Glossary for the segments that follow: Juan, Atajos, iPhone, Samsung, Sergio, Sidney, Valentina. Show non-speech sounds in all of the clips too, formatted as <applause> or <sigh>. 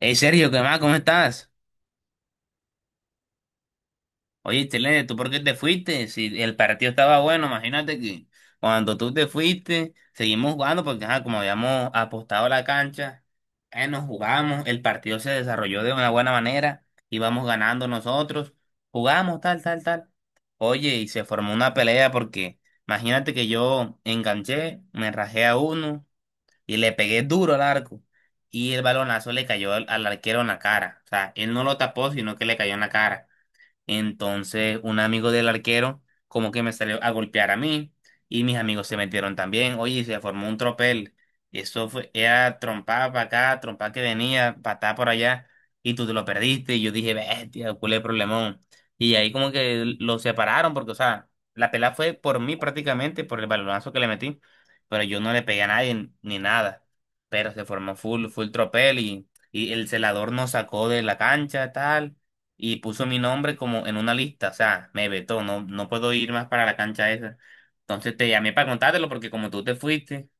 Hey Sergio, ¿qué más? ¿Cómo estás? Oye, Chile, ¿tú por qué te fuiste? Si el partido estaba bueno, imagínate que cuando tú te fuiste, seguimos jugando porque ajá, como habíamos apostado la cancha, nos jugamos, el partido se desarrolló de una buena manera, íbamos ganando nosotros, jugamos tal, tal, tal. Oye, y se formó una pelea porque imagínate que yo enganché, me rajé a uno, y le pegué duro al arco y el balonazo le cayó al arquero en la cara. O sea, él no lo tapó, sino que le cayó en la cara. Entonces, un amigo del arquero como que me salió a golpear a mí y mis amigos se metieron también. Oye, se formó un tropel. Y eso fue, era trompada para acá, trompada que venía, patada por allá y tú te lo perdiste. Y yo dije, bestia, ¿cuál es el problemón? Y ahí como que lo separaron porque, o sea, la pelea fue por mí prácticamente, por el balonazo que le metí, pero yo no le pegué a nadie ni nada. Pero se formó full, full tropel y el celador nos sacó de la cancha, tal, y puso mi nombre como en una lista, o sea, me vetó, no, no puedo ir más para la cancha esa. Entonces te llamé para contártelo porque como tú te fuiste,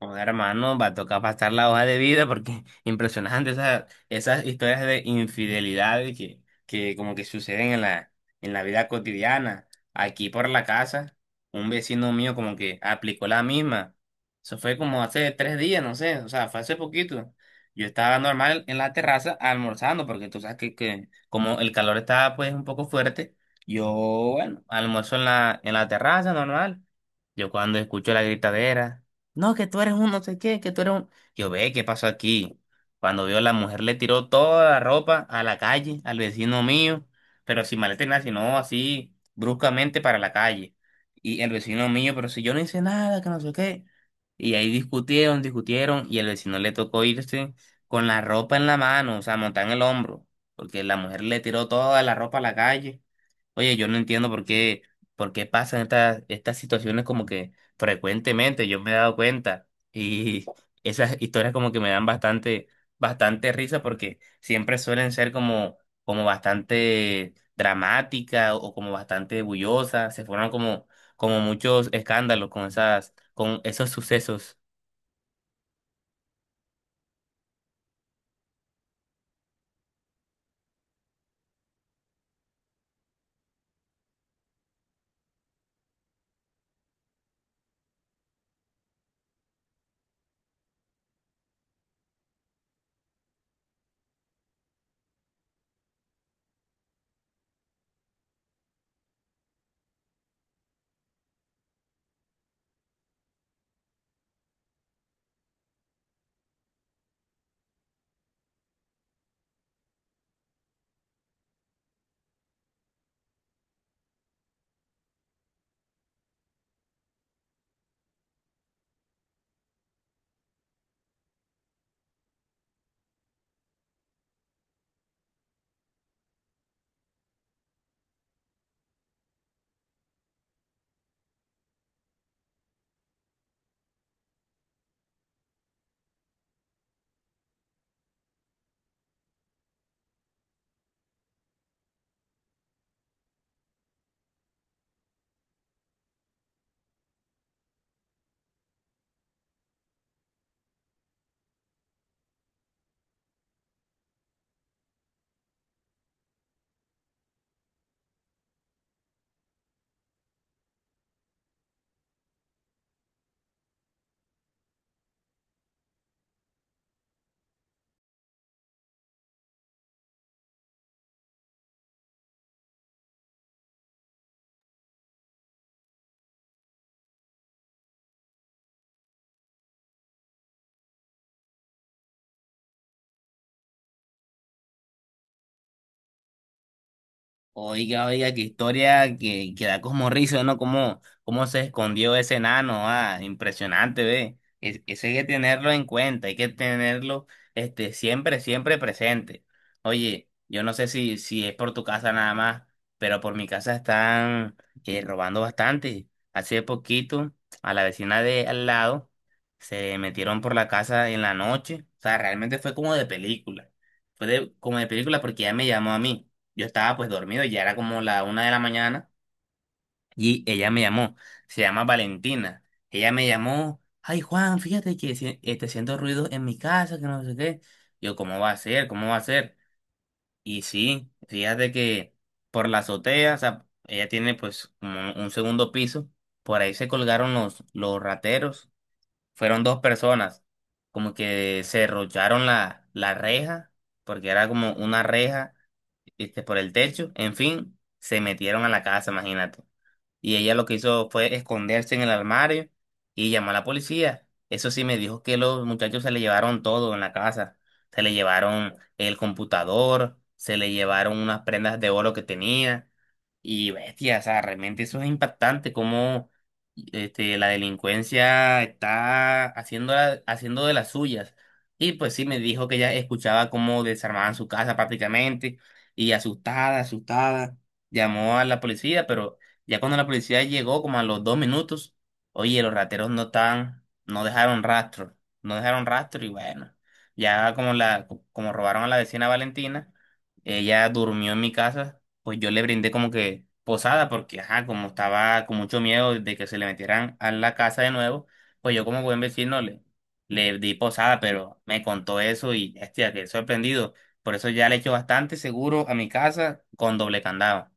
joder, hermano, va a tocar pasar la hoja de vida porque <laughs> impresionante esas, esas historias de infidelidad y que como que suceden en la vida cotidiana. Aquí por la casa, un vecino mío como que aplicó la misma. Eso fue como hace 3 días, no sé, o sea, fue hace poquito. Yo estaba normal en la terraza almorzando porque tú sabes que como el calor estaba pues un poco fuerte, yo, bueno, almuerzo en la terraza normal. Yo cuando escucho la gritadera. No, que tú eres un no sé qué, que tú eres un... Yo ve, ¿qué pasó aquí? Cuando vio la mujer le tiró toda la ropa a la calle, al vecino mío, pero sin maleta ni nada, sino así bruscamente para la calle. Y el vecino mío, pero si yo no hice nada, que no sé qué. Y ahí discutieron, discutieron, y el vecino le tocó irse con la ropa en la mano, o sea, montada en el hombro, porque la mujer le tiró toda la ropa a la calle. Oye, yo no entiendo por qué pasan estas, estas situaciones como que frecuentemente, yo me he dado cuenta y <laughs> esas historias como que me dan bastante, bastante risa porque siempre suelen ser como, como bastante dramática o como bastante bullosas, se forman como, como muchos escándalos con esas, con esos sucesos. Oiga, oiga, qué historia que da como risa, ¿no? Cómo, cómo se escondió ese enano, ah, impresionante, ve. Es- eso hay que tenerlo en cuenta, hay que tenerlo, este, siempre, siempre presente. Oye, yo no sé si, si es por tu casa nada más, pero por mi casa están robando bastante. Hace poquito, a la vecina de al lado, se metieron por la casa en la noche. O sea, realmente fue como de película. Fue de- como de película porque ella me llamó a mí. Yo estaba pues dormido, ya era como la una de la mañana y ella me llamó, se llama Valentina. Ella me llamó, ay Juan, fíjate que si- este, siento ruido en mi casa, que no sé qué. Yo, ¿cómo va a ser? ¿Cómo va a ser? Y sí, fíjate que por la azotea, o sea, ella tiene pues como un segundo piso, por ahí se colgaron los rateros, fueron 2 personas, como que se derrocharon la reja, porque era como una reja, viste, por el techo. En fin, se metieron a la casa, imagínate. Y ella lo que hizo fue esconderse en el armario y llamó a la policía. Eso sí, me dijo que los muchachos se le llevaron todo en la casa. Se le llevaron el computador, se le llevaron unas prendas de oro que tenía. Y bestia, o sea, realmente eso es impactante, cómo, este, la delincuencia está haciendo, la- haciendo de las suyas. Y pues sí, me dijo que ella escuchaba cómo desarmaban su casa prácticamente y asustada, asustada, llamó a la policía, pero... Ya cuando la policía llegó, como a los 2 minutos, oye, los rateros no estaban, no dejaron rastro, no dejaron rastro y bueno, ya como la, como robaron a la vecina Valentina, ella durmió en mi casa, pues yo le brindé como que posada porque, ajá, como estaba con mucho miedo de que se le metieran a la casa de nuevo, pues yo como buen vecino le, le di posada, pero me contó eso y, hostia, quedé sorprendido. Por eso ya le echo bastante seguro a mi casa con doble candado.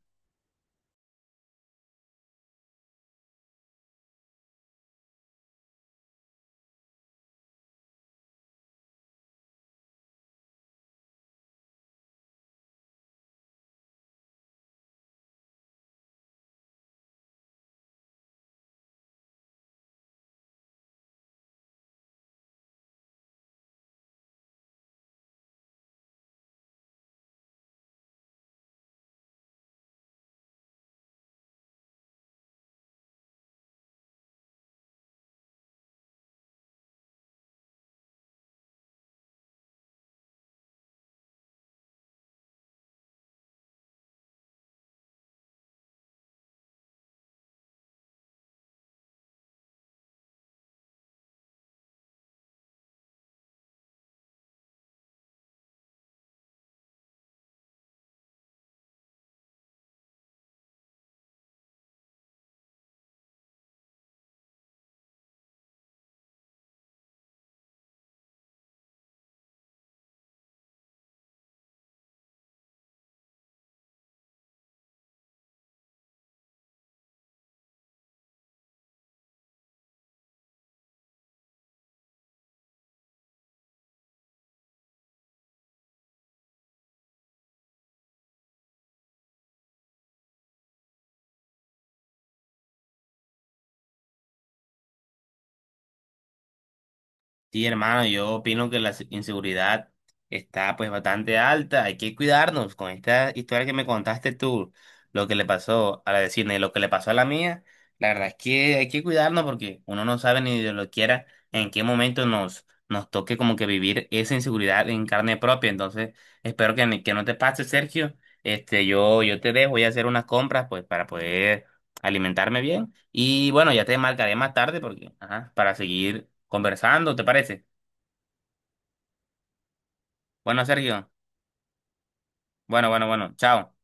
Sí, hermano, yo opino que la se- inseguridad está pues bastante alta, hay que cuidarnos con esta historia que me contaste tú, lo que le pasó a la de Sidney, lo que le pasó a la mía, la verdad es que hay que cuidarnos porque uno no sabe ni de lo quiera en qué momento nos, nos toque como que vivir esa inseguridad en carne propia, entonces espero que, ni- que no te pase, Sergio, este, yo te dejo, voy a hacer unas compras pues para poder alimentarme bien. Y bueno, ya te marcaré más tarde porque, ajá, para seguir conversando, ¿te parece? Bueno, Sergio. Bueno, bueno, bueno. Chao.